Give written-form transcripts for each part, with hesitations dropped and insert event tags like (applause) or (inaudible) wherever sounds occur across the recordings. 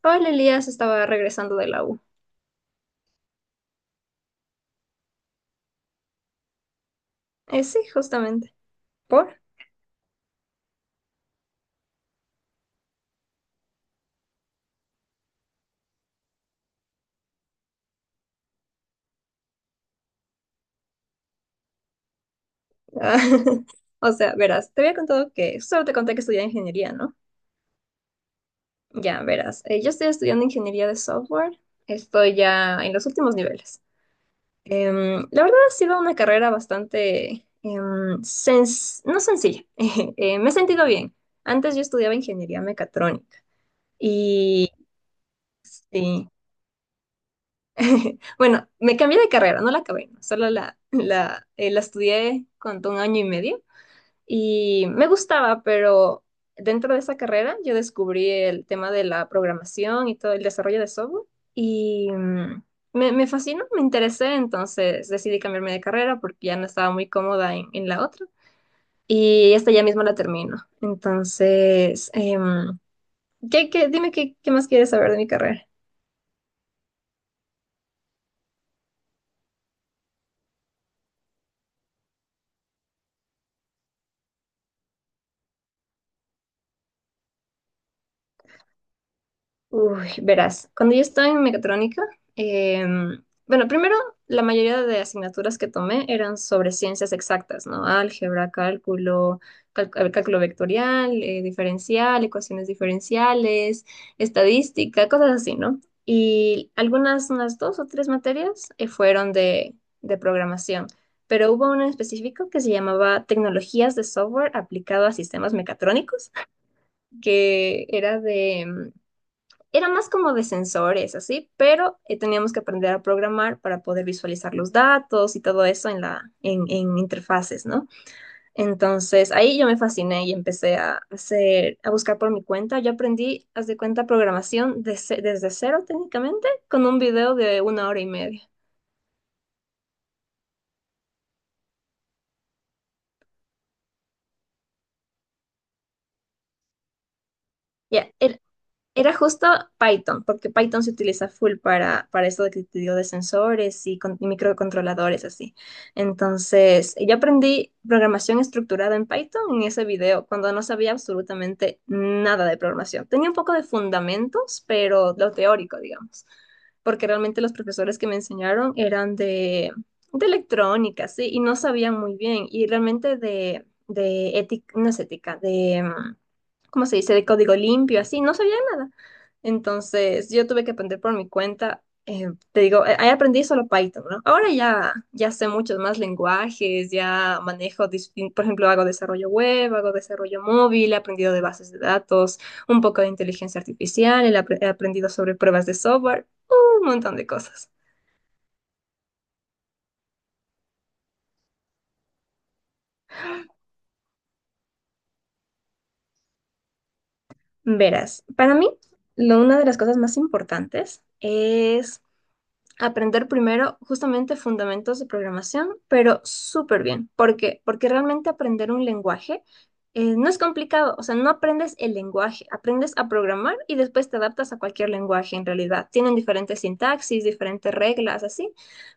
Paul Elías estaba regresando de la U. Sí, justamente. ¿Por? Ah, (laughs) o sea, verás, te había contado que solo te conté que estudié ingeniería, ¿no? Ya, verás. Yo estoy estudiando ingeniería de software. Estoy ya en los últimos niveles. La verdad ha sido una carrera bastante, no sencilla. (laughs) Me he sentido bien. Antes yo estudiaba ingeniería mecatrónica. Y sí, (laughs) bueno, me cambié de carrera, no la acabé, solo la estudié cuando un año y medio. Y me gustaba, pero dentro de esa carrera yo descubrí el tema de la programación y todo el desarrollo de software y me fascinó, me interesé, entonces decidí cambiarme de carrera porque ya no estaba muy cómoda en la otra y esta ya mismo la termino. Entonces, dime qué más quieres saber de mi carrera? Uy, verás, cuando yo estaba en mecatrónica, bueno, primero la mayoría de asignaturas que tomé eran sobre ciencias exactas, ¿no? Álgebra, cálculo, cálculo vectorial, diferencial, ecuaciones diferenciales, estadística, cosas así, ¿no? Y algunas, unas dos o tres materias fueron de programación, pero hubo una en específico que se llamaba Tecnologías de Software aplicado a sistemas mecatrónicos que era más como de sensores, así, pero teníamos que aprender a programar para poder visualizar los datos y todo eso en interfaces, ¿no? Entonces ahí yo me fasciné y empecé a buscar por mi cuenta. Yo aprendí, haz de cuenta, programación desde cero técnicamente, con un video de una hora y media. Ya, era- Era justo Python, porque Python se utiliza full para esto de que te digo de sensores y microcontroladores, así. Entonces, yo aprendí programación estructurada en Python en ese video, cuando no sabía absolutamente nada de programación. Tenía un poco de fundamentos, pero lo teórico, digamos, porque realmente los profesores que me enseñaron eran de electrónica, sí, y no sabían muy bien, y realmente de ética, no es ética, ¿cómo se dice?, de código limpio, así, no sabía nada. Entonces, yo tuve que aprender por mi cuenta. Te digo, ahí aprendí solo Python, ¿no? Ahora ya, ya sé muchos más lenguajes, ya manejo, por ejemplo, hago desarrollo web, hago desarrollo móvil, he aprendido de bases de datos, un poco de inteligencia artificial, he aprendido sobre pruebas de software, un montón de cosas. Verás, para mí, una de las cosas más importantes es aprender primero justamente fundamentos de programación, pero súper bien. ¿Por qué? Porque realmente aprender un lenguaje no es complicado, o sea, no aprendes el lenguaje, aprendes a programar y después te adaptas a cualquier lenguaje en realidad. Tienen diferentes sintaxis, diferentes reglas, así,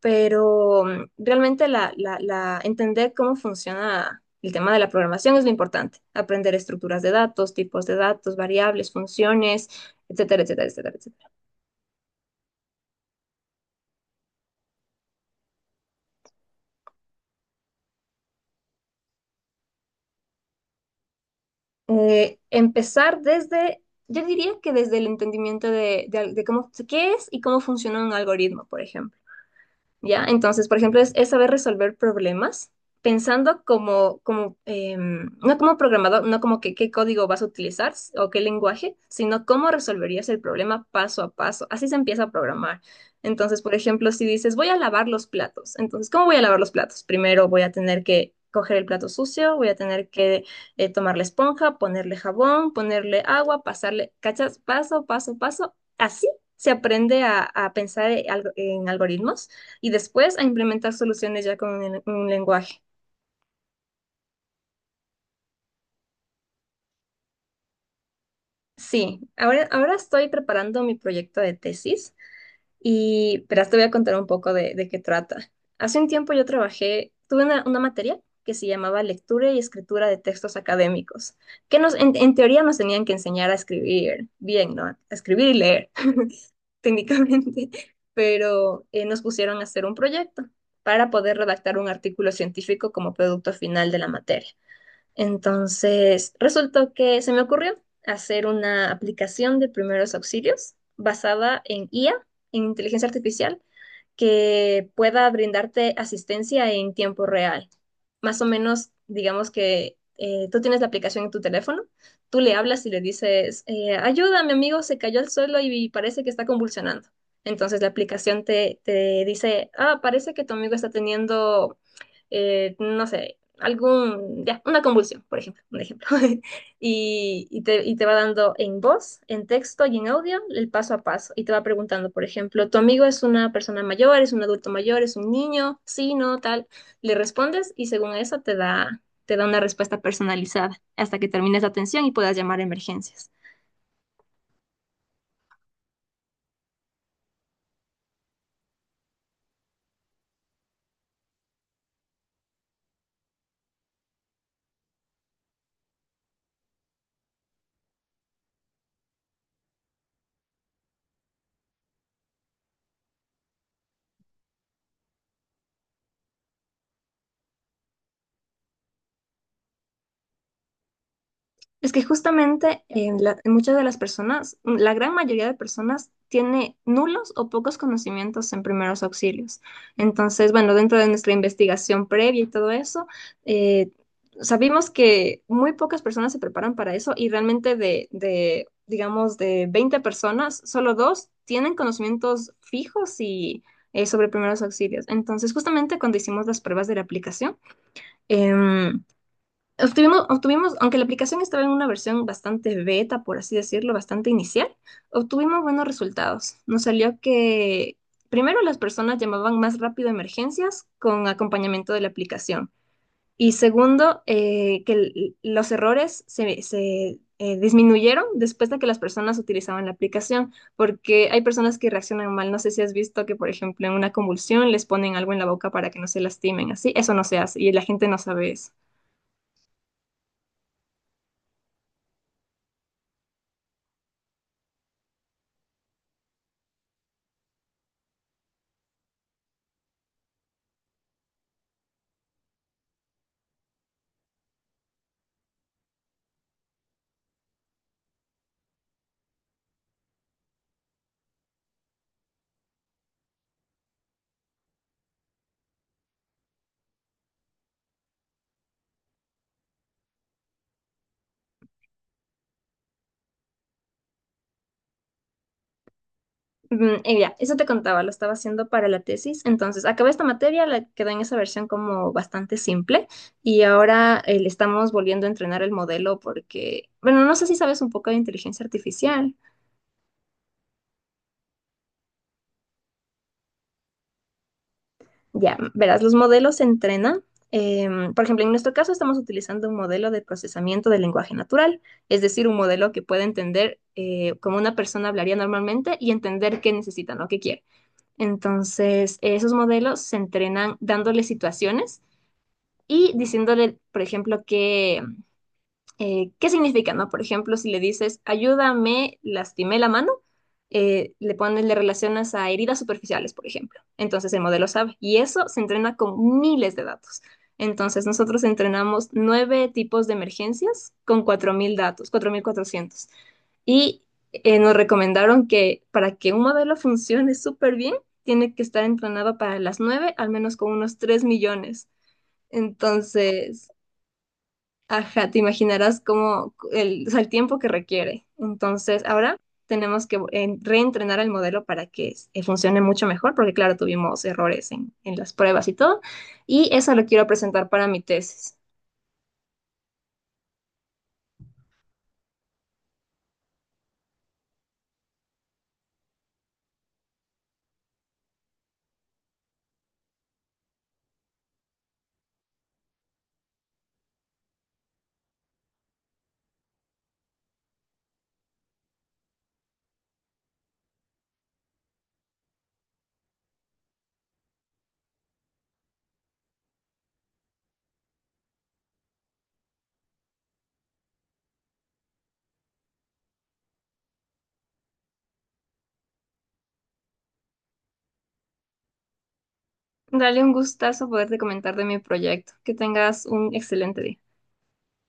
pero realmente entender cómo funciona el tema de la programación es lo importante. Aprender estructuras de datos, tipos de datos, variables, funciones, etcétera, etcétera, etcétera, etcétera. Empezar desde, yo diría que desde el entendimiento de qué es y cómo funciona un algoritmo, por ejemplo. ¿Ya? Entonces, por ejemplo, es saber resolver problemas pensando no como programador, no como que qué código vas a utilizar o qué lenguaje, sino cómo resolverías el problema paso a paso. Así se empieza a programar. Entonces, por ejemplo, si dices, voy a lavar los platos, entonces, ¿cómo voy a lavar los platos? Primero voy a tener que coger el plato sucio, voy a tener que tomar la esponja, ponerle jabón, ponerle agua, pasarle, ¿cachas? Paso, paso, paso. Así se aprende a pensar en en algoritmos y después a implementar soluciones ya con un lenguaje. Sí, ahora estoy preparando mi proyecto de tesis y verás, te voy a contar un poco de qué trata. Hace un tiempo yo trabajé, tuve una materia que se llamaba Lectura y Escritura de Textos Académicos, que en teoría nos tenían que enseñar a escribir bien, ¿no? A escribir y leer (laughs) técnicamente, pero nos pusieron a hacer un proyecto para poder redactar un artículo científico como producto final de la materia. Entonces, resultó que se me ocurrió hacer una aplicación de primeros auxilios basada en IA, en inteligencia artificial, que pueda brindarte asistencia en tiempo real. Más o menos, digamos que tú tienes la aplicación en tu teléfono, tú le hablas y le dices, ayuda, mi amigo se cayó al suelo y parece que está convulsionando. Entonces la aplicación te dice, ah, parece que tu amigo está teniendo, no sé, una convulsión, por ejemplo, un ejemplo. (laughs) Y te va dando en voz, en texto y en audio el paso a paso. Y te va preguntando, por ejemplo, ¿tu amigo es una persona mayor, es un adulto mayor, es un niño? Sí, no, tal. Le respondes y según eso te da una respuesta personalizada hasta que termines la atención y puedas llamar a emergencias. Es que justamente en muchas de las personas, la gran mayoría de personas tiene nulos o pocos conocimientos en primeros auxilios. Entonces, bueno, dentro de nuestra investigación previa y todo eso, eh, sabimos que muy pocas personas se preparan para eso y realmente digamos, de 20 personas, solo dos tienen conocimientos fijos y sobre primeros auxilios. Entonces, justamente cuando hicimos las pruebas de la aplicación, em, obtuvimos, aunque la aplicación estaba en una versión bastante beta, por así decirlo, bastante inicial, obtuvimos buenos resultados. Nos salió que primero las personas llamaban más rápido a emergencias con acompañamiento de la aplicación. Y segundo, que los errores disminuyeron después de que las personas utilizaban la aplicación, porque hay personas que reaccionan mal. No sé si has visto que, por ejemplo, en una convulsión les ponen algo en la boca para que no se lastimen, así. Eso no se hace y la gente no sabe eso. Y ya, eso te contaba, lo estaba haciendo para la tesis. Entonces, acabé esta materia, la quedó en esa versión como bastante simple y ahora le estamos volviendo a entrenar el modelo porque, bueno, no sé si sabes un poco de inteligencia artificial. Ya, verás, los modelos se entrenan. Por ejemplo, en nuestro caso estamos utilizando un modelo de procesamiento del lenguaje natural, es decir, un modelo que puede entender cómo una persona hablaría normalmente y entender qué necesita, no qué quiere. Entonces, esos modelos se entrenan dándole situaciones y diciéndole, por ejemplo, qué significa, ¿no? Por ejemplo, si le dices, ayúdame, lastimé la mano, le relacionas a heridas superficiales, por ejemplo. Entonces el modelo sabe. Y eso se entrena con miles de datos. Entonces nosotros entrenamos nueve tipos de emergencias con 4.000 datos, 4.400. Y nos recomendaron que para que un modelo funcione súper bien, tiene que estar entrenado para las nueve, al menos con unos 3 millones. Entonces, ajá, te imaginarás cómo el, o sea, el tiempo que requiere. Entonces, ahora tenemos que reentrenar el modelo para que funcione mucho mejor, porque claro, tuvimos errores en las pruebas y todo. Y eso lo quiero presentar para mi tesis. Dale un gustazo poderte comentar de mi proyecto. Que tengas un excelente día.